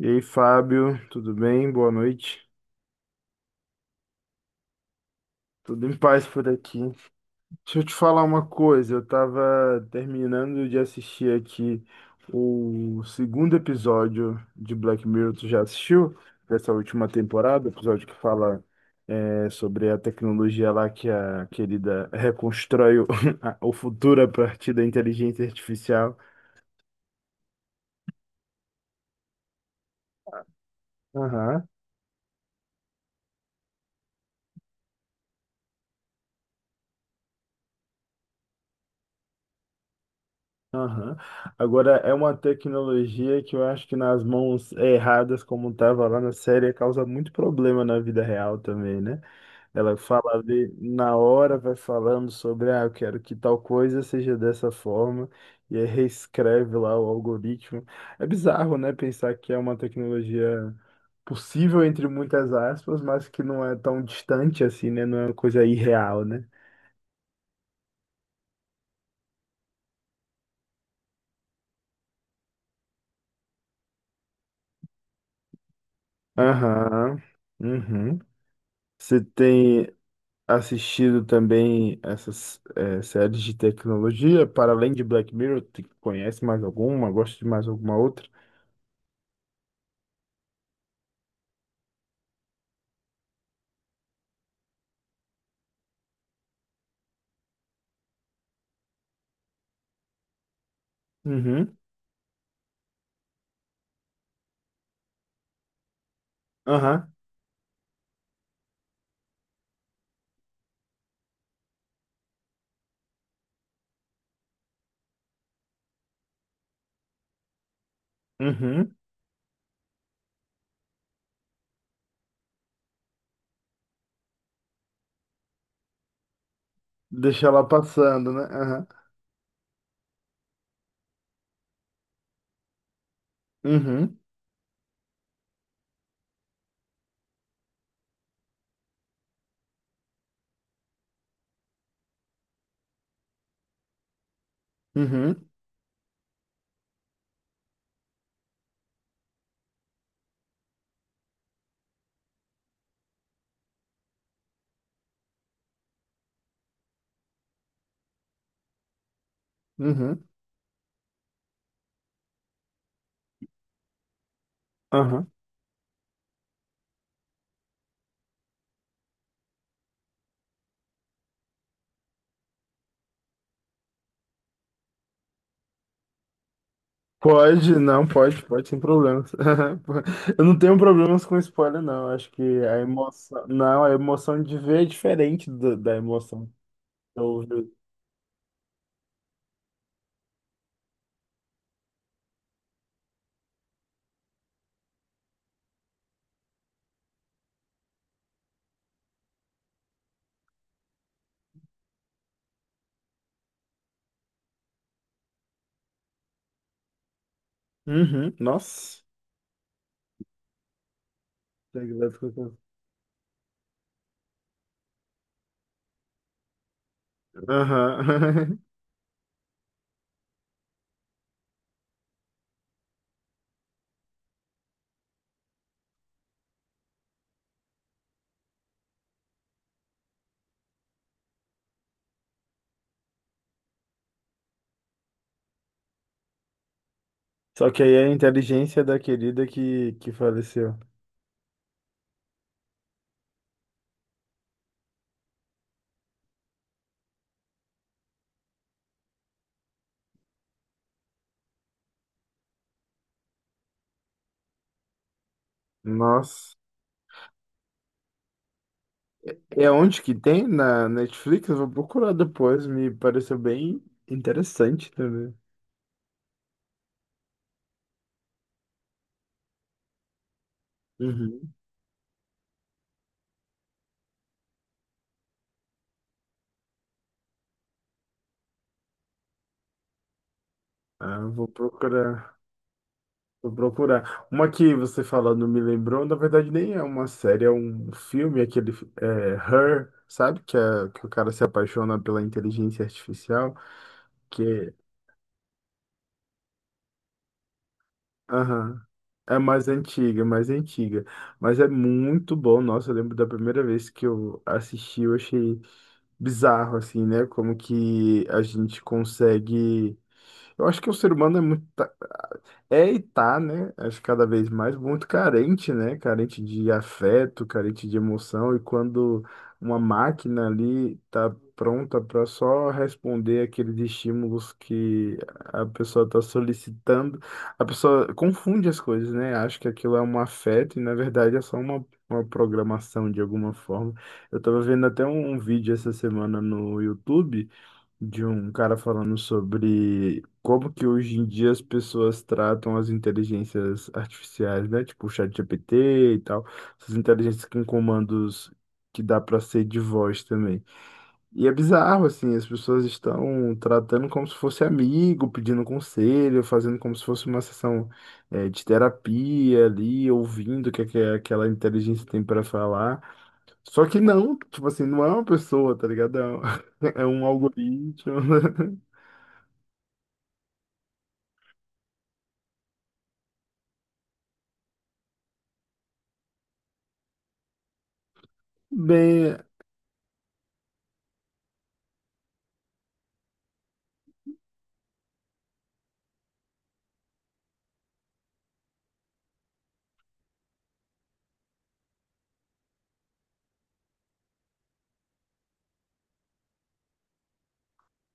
E aí, Fábio, tudo bem? Boa noite. Tudo em paz por aqui. Deixa eu te falar uma coisa. Eu tava terminando de assistir aqui o segundo episódio de Black Mirror. Tu já assistiu? Dessa última temporada, episódio que fala sobre a tecnologia lá que a querida reconstrói o futuro a partir da inteligência artificial. Aham. Aham. Agora, é uma tecnologia que eu acho que nas mãos erradas, como estava lá na série, causa muito problema na vida real também, né? Ela fala ali na hora, vai falando sobre, ah, eu quero que tal coisa seja dessa forma, e aí reescreve lá o algoritmo. É bizarro, né? Pensar que é uma tecnologia possível, entre muitas aspas, mas que não é tão distante assim, né? Não é uma coisa irreal, né? Aham. Uhum. Você tem assistido também essas séries de tecnologia, para além de Black Mirror, tu conhece mais alguma? Gosta de mais alguma outra? Uhum, aham, uhum. Deixa ela passando, né? Aham, uhum, uhum, uhum, aham. Pode, não, pode, pode, sem problemas. Eu não tenho problemas com spoiler, não. Acho que a emoção. Não, a emoção de ver é diferente da emoção. De ouvir. Uhum, nossa. Aham. Só que aí é a inteligência da querida que faleceu. Nossa. É onde que tem? Na Netflix? Eu vou procurar depois. Me pareceu bem interessante também. Uhum. Ah, eu vou procurar. Vou procurar. Uma que você falando me lembrou, na verdade nem é uma série, é um filme, aquele Her, sabe? Que o cara se apaixona pela inteligência artificial, que é. Aham. É mais antiga, é mais antiga. Mas é muito bom. Nossa, eu lembro da primeira vez que eu assisti, eu achei bizarro, assim, né? Como que a gente consegue. Eu acho que o ser humano é muito. É, e tá, né? Acho que cada vez mais muito carente, né? Carente de afeto, carente de emoção. E quando uma máquina ali tá pronta para só responder aqueles estímulos que a pessoa está solicitando, a pessoa confunde as coisas, né? Acha que aquilo é um afeto e na verdade é só uma programação de alguma forma. Eu tava vendo até um vídeo essa semana no YouTube de um cara falando sobre como que hoje em dia as pessoas tratam as inteligências artificiais, né? Tipo o ChatGPT e tal, essas inteligências com comandos que dá para ser de voz também. E é bizarro, assim, as pessoas estão tratando como se fosse amigo, pedindo conselho, fazendo como se fosse uma sessão, de terapia ali, ouvindo o que, é que aquela inteligência tem para falar. Só que não, tipo assim, não é uma pessoa, tá ligado? É um é um algoritmo. Bem,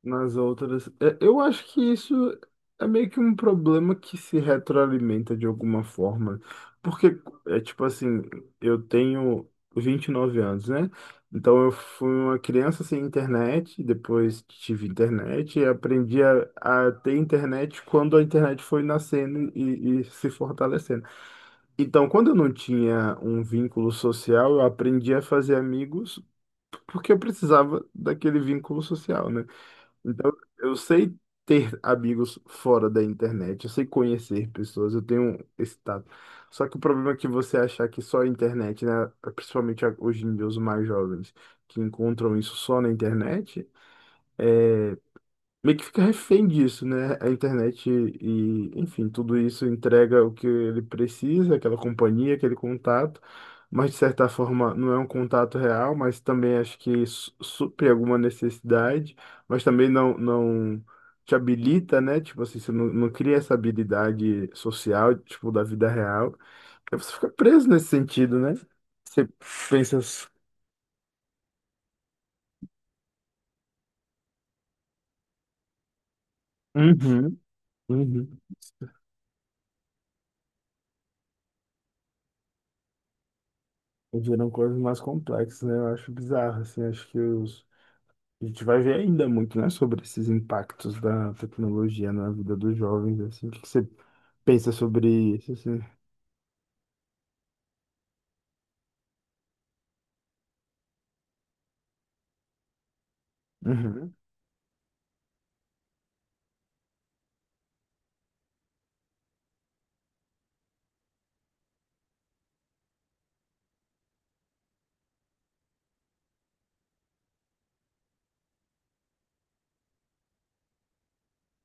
nas outras. Eu acho que isso é meio que um problema que se retroalimenta de alguma forma. Porque, é tipo assim, eu tenho 29 anos, né? Então eu fui uma criança sem internet, depois tive internet, e aprendi a ter internet quando a internet foi nascendo e se fortalecendo. Então, quando eu não tinha um vínculo social, eu aprendi a fazer amigos porque eu precisava daquele vínculo social, né? Então, eu sei ter amigos fora da internet, eu sei conhecer pessoas, eu tenho esse tato. Só que o problema é que você achar que só a internet, né, principalmente hoje em dia os mais jovens, que encontram isso só na internet, meio que fica refém disso, né? A internet e, enfim, tudo isso entrega o que ele precisa, aquela companhia, aquele contato, mas de certa forma não é um contato real, mas também acho que supre alguma necessidade, mas também não te habilita, né? Tipo assim, você não cria essa habilidade social, tipo, da vida real. Aí você fica preso nesse sentido, né? Você pensa. Uhum, uhum. Viram coisas mais complexas, né? Eu acho bizarro, assim, a gente vai ver ainda muito, né, sobre esses impactos da tecnologia na vida dos jovens, assim, o que que você pensa sobre isso, assim? Uhum,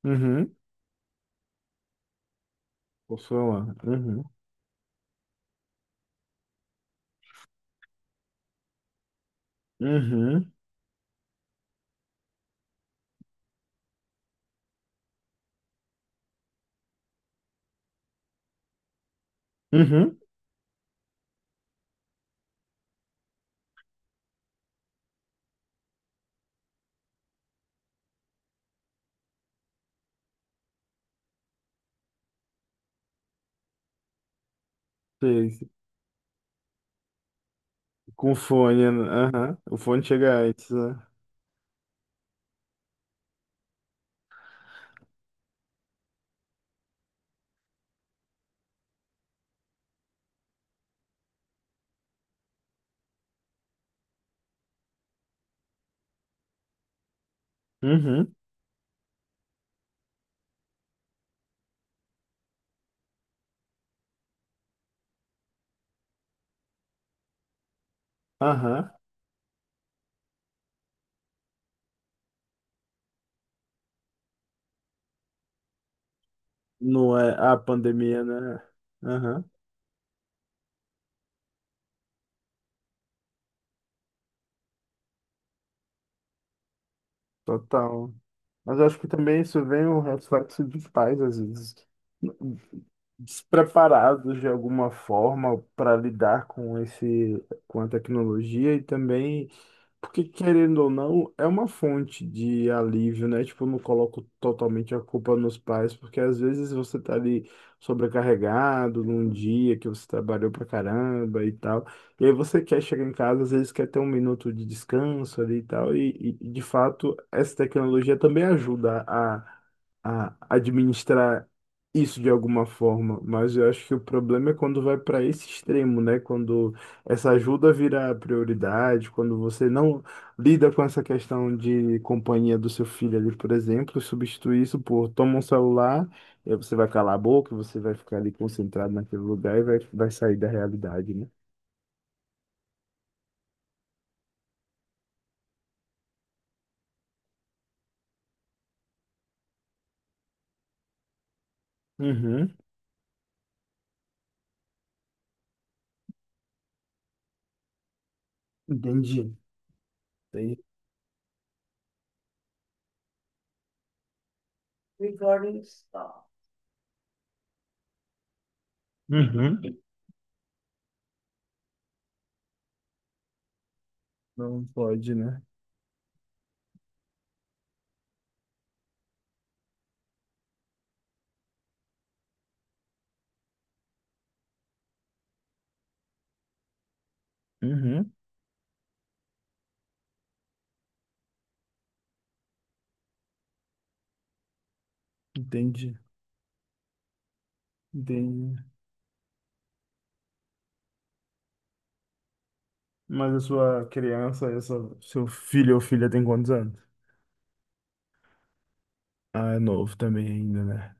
uhum, posso falar, uhum, uhum, uhum. Sei, sei. Com fone, né? Aham, o fone chega antes, né? Uhum, aham, não é a pandemia, né? Aham, total. Mas eu acho que também isso vem um reflexo dos pais, às vezes, despreparados de alguma forma para lidar com esse, com a tecnologia e também. Porque, querendo ou não, é uma fonte de alívio, né? Tipo, eu não coloco totalmente a culpa nos pais, porque às vezes você tá ali sobrecarregado num dia que você trabalhou pra caramba e tal. E aí você quer chegar em casa, às vezes quer ter um minuto de descanso ali e tal. E, de fato, essa tecnologia também ajuda a administrar isso de alguma forma. Mas eu acho que o problema é quando vai para esse extremo, né? Quando essa ajuda vira prioridade quando você não lida com essa questão de companhia do seu filho ali, por exemplo, substitui isso por toma um celular, e aí você vai calar a boca, você vai ficar ali concentrado naquele lugar e vai sair da realidade, né? Uhum, entendi. Entendi. Uhum. Não pode, né? Uhum, entendi. Entendi. Mas a sua criança, essa, seu filho ou filha tem quantos anos? Ah, é novo também ainda, né?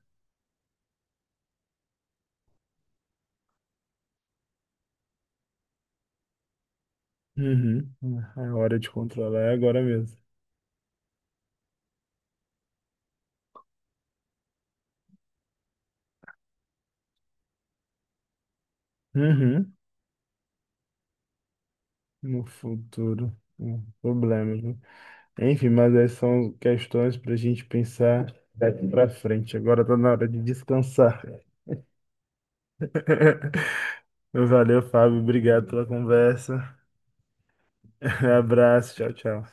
Uhum. A hora de controlar é agora mesmo. Uhum. No futuro. Problemas, né? Enfim, mas essas são questões para a gente pensar daqui para frente. Agora está na hora de descansar. Valeu, Fábio. Obrigado pela conversa. Abraço. Tchau, tchau.